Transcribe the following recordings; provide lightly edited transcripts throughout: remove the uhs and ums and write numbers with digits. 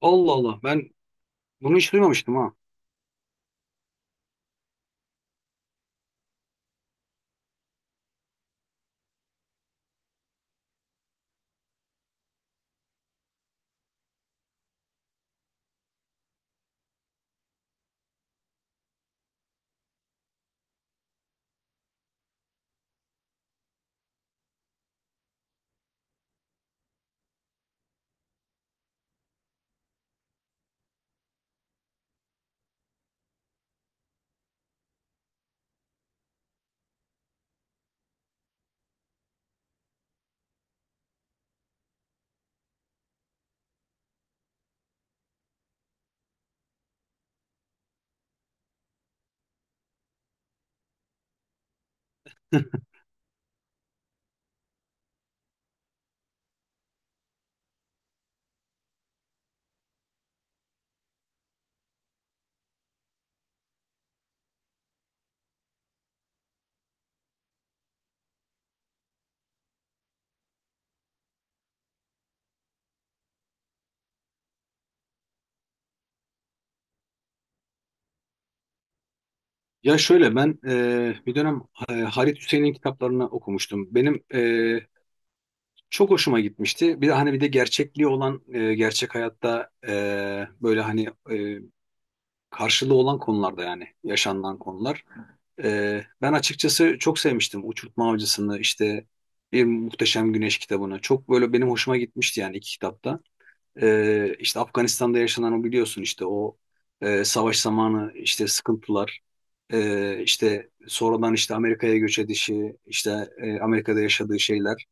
Allah Allah ben bunu hiç duymamıştım ha. Ya şöyle ben bir dönem Halit Hüseyin'in kitaplarını okumuştum. Benim çok hoşuma gitmişti. Bir de hani bir de gerçekliği olan gerçek hayatta böyle hani karşılığı olan konularda yani yaşanılan konular. Ben açıkçası çok sevmiştim Uçurtma Avcısı'nı, işte Bir Muhteşem Güneş kitabını. Çok böyle benim hoşuma gitmişti yani iki kitapta. İşte Afganistan'da yaşanan, o biliyorsun, işte o savaş zamanı işte sıkıntılar, işte sonradan işte Amerika'ya göç edişi, işte Amerika'da yaşadığı şeyler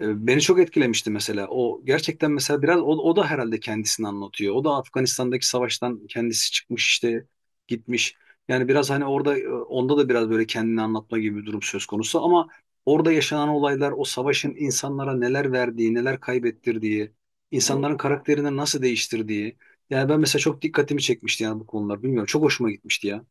beni çok etkilemişti mesela. O gerçekten, mesela biraz o da herhalde kendisini anlatıyor. O da Afganistan'daki savaştan kendisi çıkmış işte, gitmiş. Yani biraz hani orada onda da biraz böyle kendini anlatma gibi bir durum söz konusu, ama orada yaşanan olaylar, o savaşın insanlara neler verdiği, neler kaybettirdiği, insanların karakterini nasıl değiştirdiği. Yani ben mesela çok dikkatimi çekmişti yani bu konular. Bilmiyorum, çok hoşuma gitmişti ya.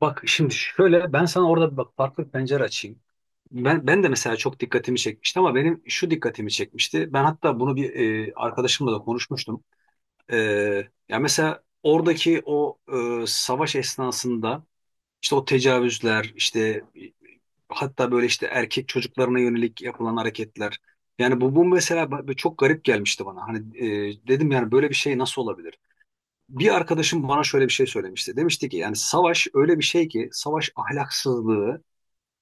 Bak şimdi şöyle, ben sana orada bir bak farklı bir pencere açayım. Ben de mesela çok dikkatimi çekmişti, ama benim şu dikkatimi çekmişti. Ben hatta bunu bir arkadaşımla da konuşmuştum. E, ya mesela oradaki o savaş esnasında İşte o tecavüzler, işte hatta böyle işte erkek çocuklarına yönelik yapılan hareketler. Yani bu mesela çok garip gelmişti bana. Hani dedim yani böyle bir şey nasıl olabilir? Bir arkadaşım bana şöyle bir şey söylemişti. Demişti ki yani savaş öyle bir şey ki, savaş ahlaksızlığı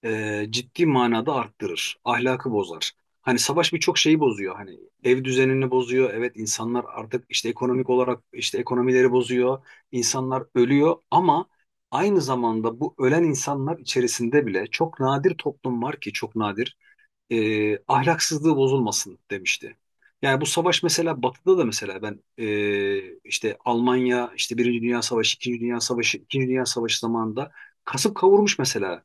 ciddi manada arttırır. Ahlakı bozar. Hani savaş birçok şeyi bozuyor. Hani ev düzenini bozuyor. Evet, insanlar artık işte ekonomik olarak, işte ekonomileri bozuyor. İnsanlar ölüyor, ama aynı zamanda bu ölen insanlar içerisinde bile çok nadir toplum var ki çok nadir ahlaksızlığı bozulmasın, demişti. Yani bu savaş mesela Batı'da da, mesela ben işte Almanya, işte Birinci Dünya Savaşı, İkinci Dünya Savaşı, İkinci Dünya Savaşı zamanında kasıp kavurmuş mesela.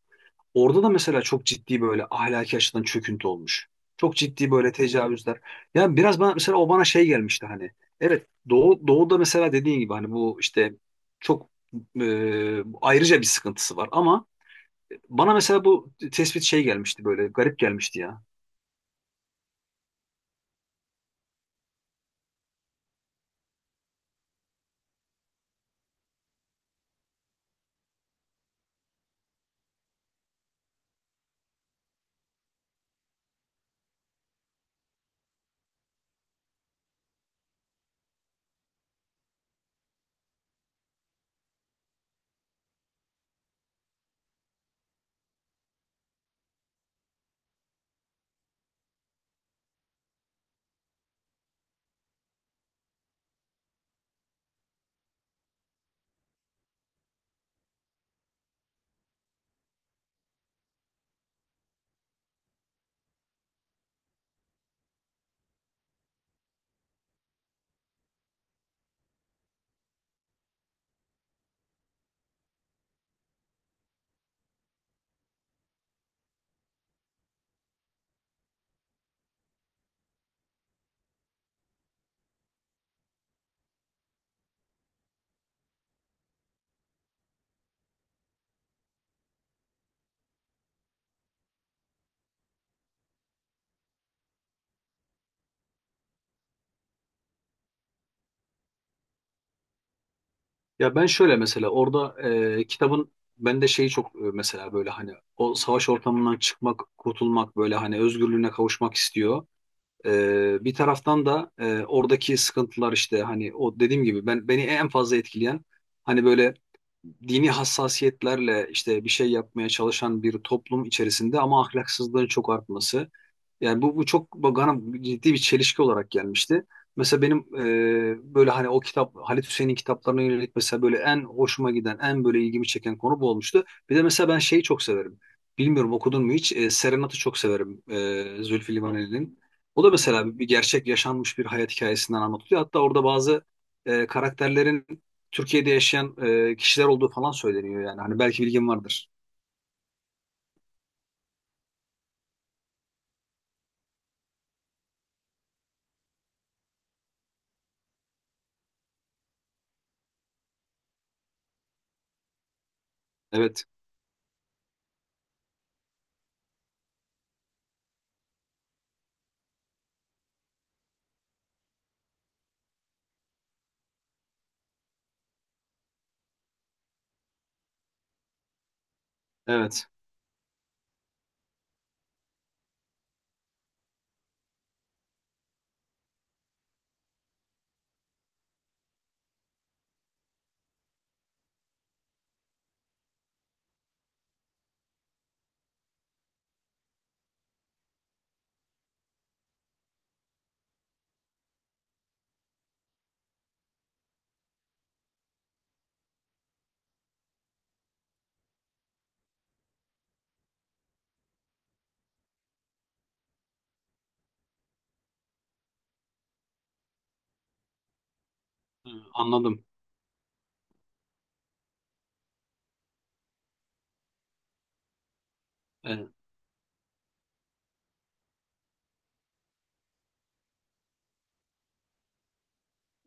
Orada da mesela çok ciddi böyle ahlaki açıdan çöküntü olmuş. Çok ciddi böyle tecavüzler. Yani biraz bana mesela, o bana şey gelmişti hani. Evet, Doğu'da mesela, dediğin gibi hani bu işte çok ayrıca bir sıkıntısı var, ama bana mesela bu tespit şey gelmişti, böyle garip gelmişti ya. Ya ben şöyle mesela orada kitabın bende şeyi çok, mesela böyle hani o savaş ortamından çıkmak, kurtulmak, böyle hani özgürlüğüne kavuşmak istiyor. Bir taraftan da oradaki sıkıntılar, işte hani o dediğim gibi beni en fazla etkileyen, hani böyle dini hassasiyetlerle işte bir şey yapmaya çalışan bir toplum içerisinde ama ahlaksızlığın çok artması. Yani bu çok bana ciddi bir çelişki olarak gelmişti. Mesela benim böyle hani o kitap, Halit Hüseyin'in kitaplarına yönelik mesela böyle en hoşuma giden, en böyle ilgimi çeken konu bu olmuştu. Bir de mesela ben şeyi çok severim. Bilmiyorum, okudun mu hiç? Serenat'ı çok severim, Zülfü Livaneli'nin. O da mesela bir gerçek yaşanmış bir hayat hikayesinden anlatılıyor. Hatta orada bazı karakterlerin Türkiye'de yaşayan kişiler olduğu falan söyleniyor yani. Hani belki bilgin vardır. Evet, evet. Hı, anladım. E,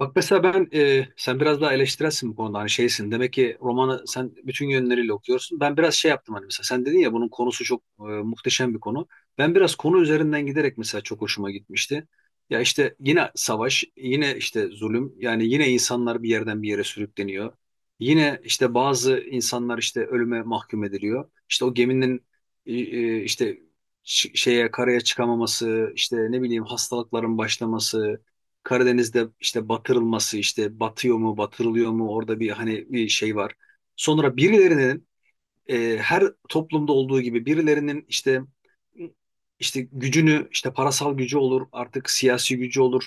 Bak mesela ben, sen biraz daha eleştirelsin bu konuda, hani şeysin demek ki, romanı sen bütün yönleriyle okuyorsun. Ben biraz şey yaptım hani, mesela sen dedin ya bunun konusu çok muhteşem bir konu. Ben biraz konu üzerinden giderek mesela çok hoşuma gitmişti. Ya işte yine savaş, yine işte zulüm, yani yine insanlar bir yerden bir yere sürükleniyor. Yine işte bazı insanlar işte ölüme mahkum ediliyor. İşte o geminin işte şeye, karaya çıkamaması, işte ne bileyim hastalıkların başlaması, Karadeniz'de işte batırılması, işte batıyor mu, batırılıyor mu, orada bir hani bir şey var. Sonra birilerinin, her toplumda olduğu gibi, birilerinin işte gücünü, işte parasal gücü olur artık, siyasi gücü olur,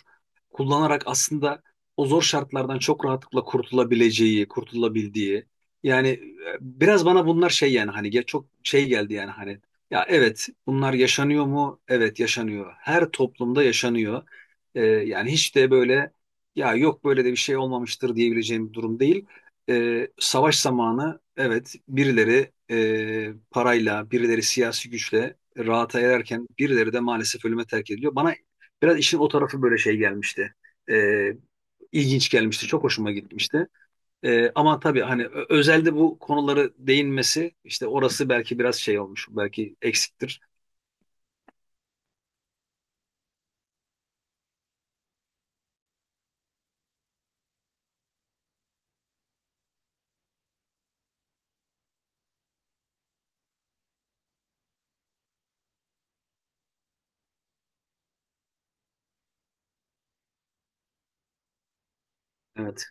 kullanarak aslında o zor şartlardan çok rahatlıkla kurtulabileceği, kurtulabildiği. Yani biraz bana bunlar şey, yani hani çok şey geldi, yani hani, ya evet bunlar yaşanıyor mu? Evet, yaşanıyor. Her toplumda yaşanıyor. Yani hiç de böyle ya, yok böyle de bir şey olmamıştır diyebileceğim bir durum değil. Savaş zamanı evet, birileri parayla, birileri siyasi güçle rahata ererken, birileri de maalesef ölüme terk ediliyor. Bana biraz işin o tarafı böyle şey gelmişti. E, ilginç gelmişti. Çok hoşuma gitmişti. Ama tabii hani özelde bu konuları değinmesi, işte orası belki biraz şey olmuş. Belki eksiktir. Evet.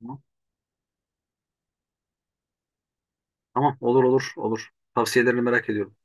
Tamam. Tamam. Olur, olur, olur. Tavsiyelerini merak ediyorum.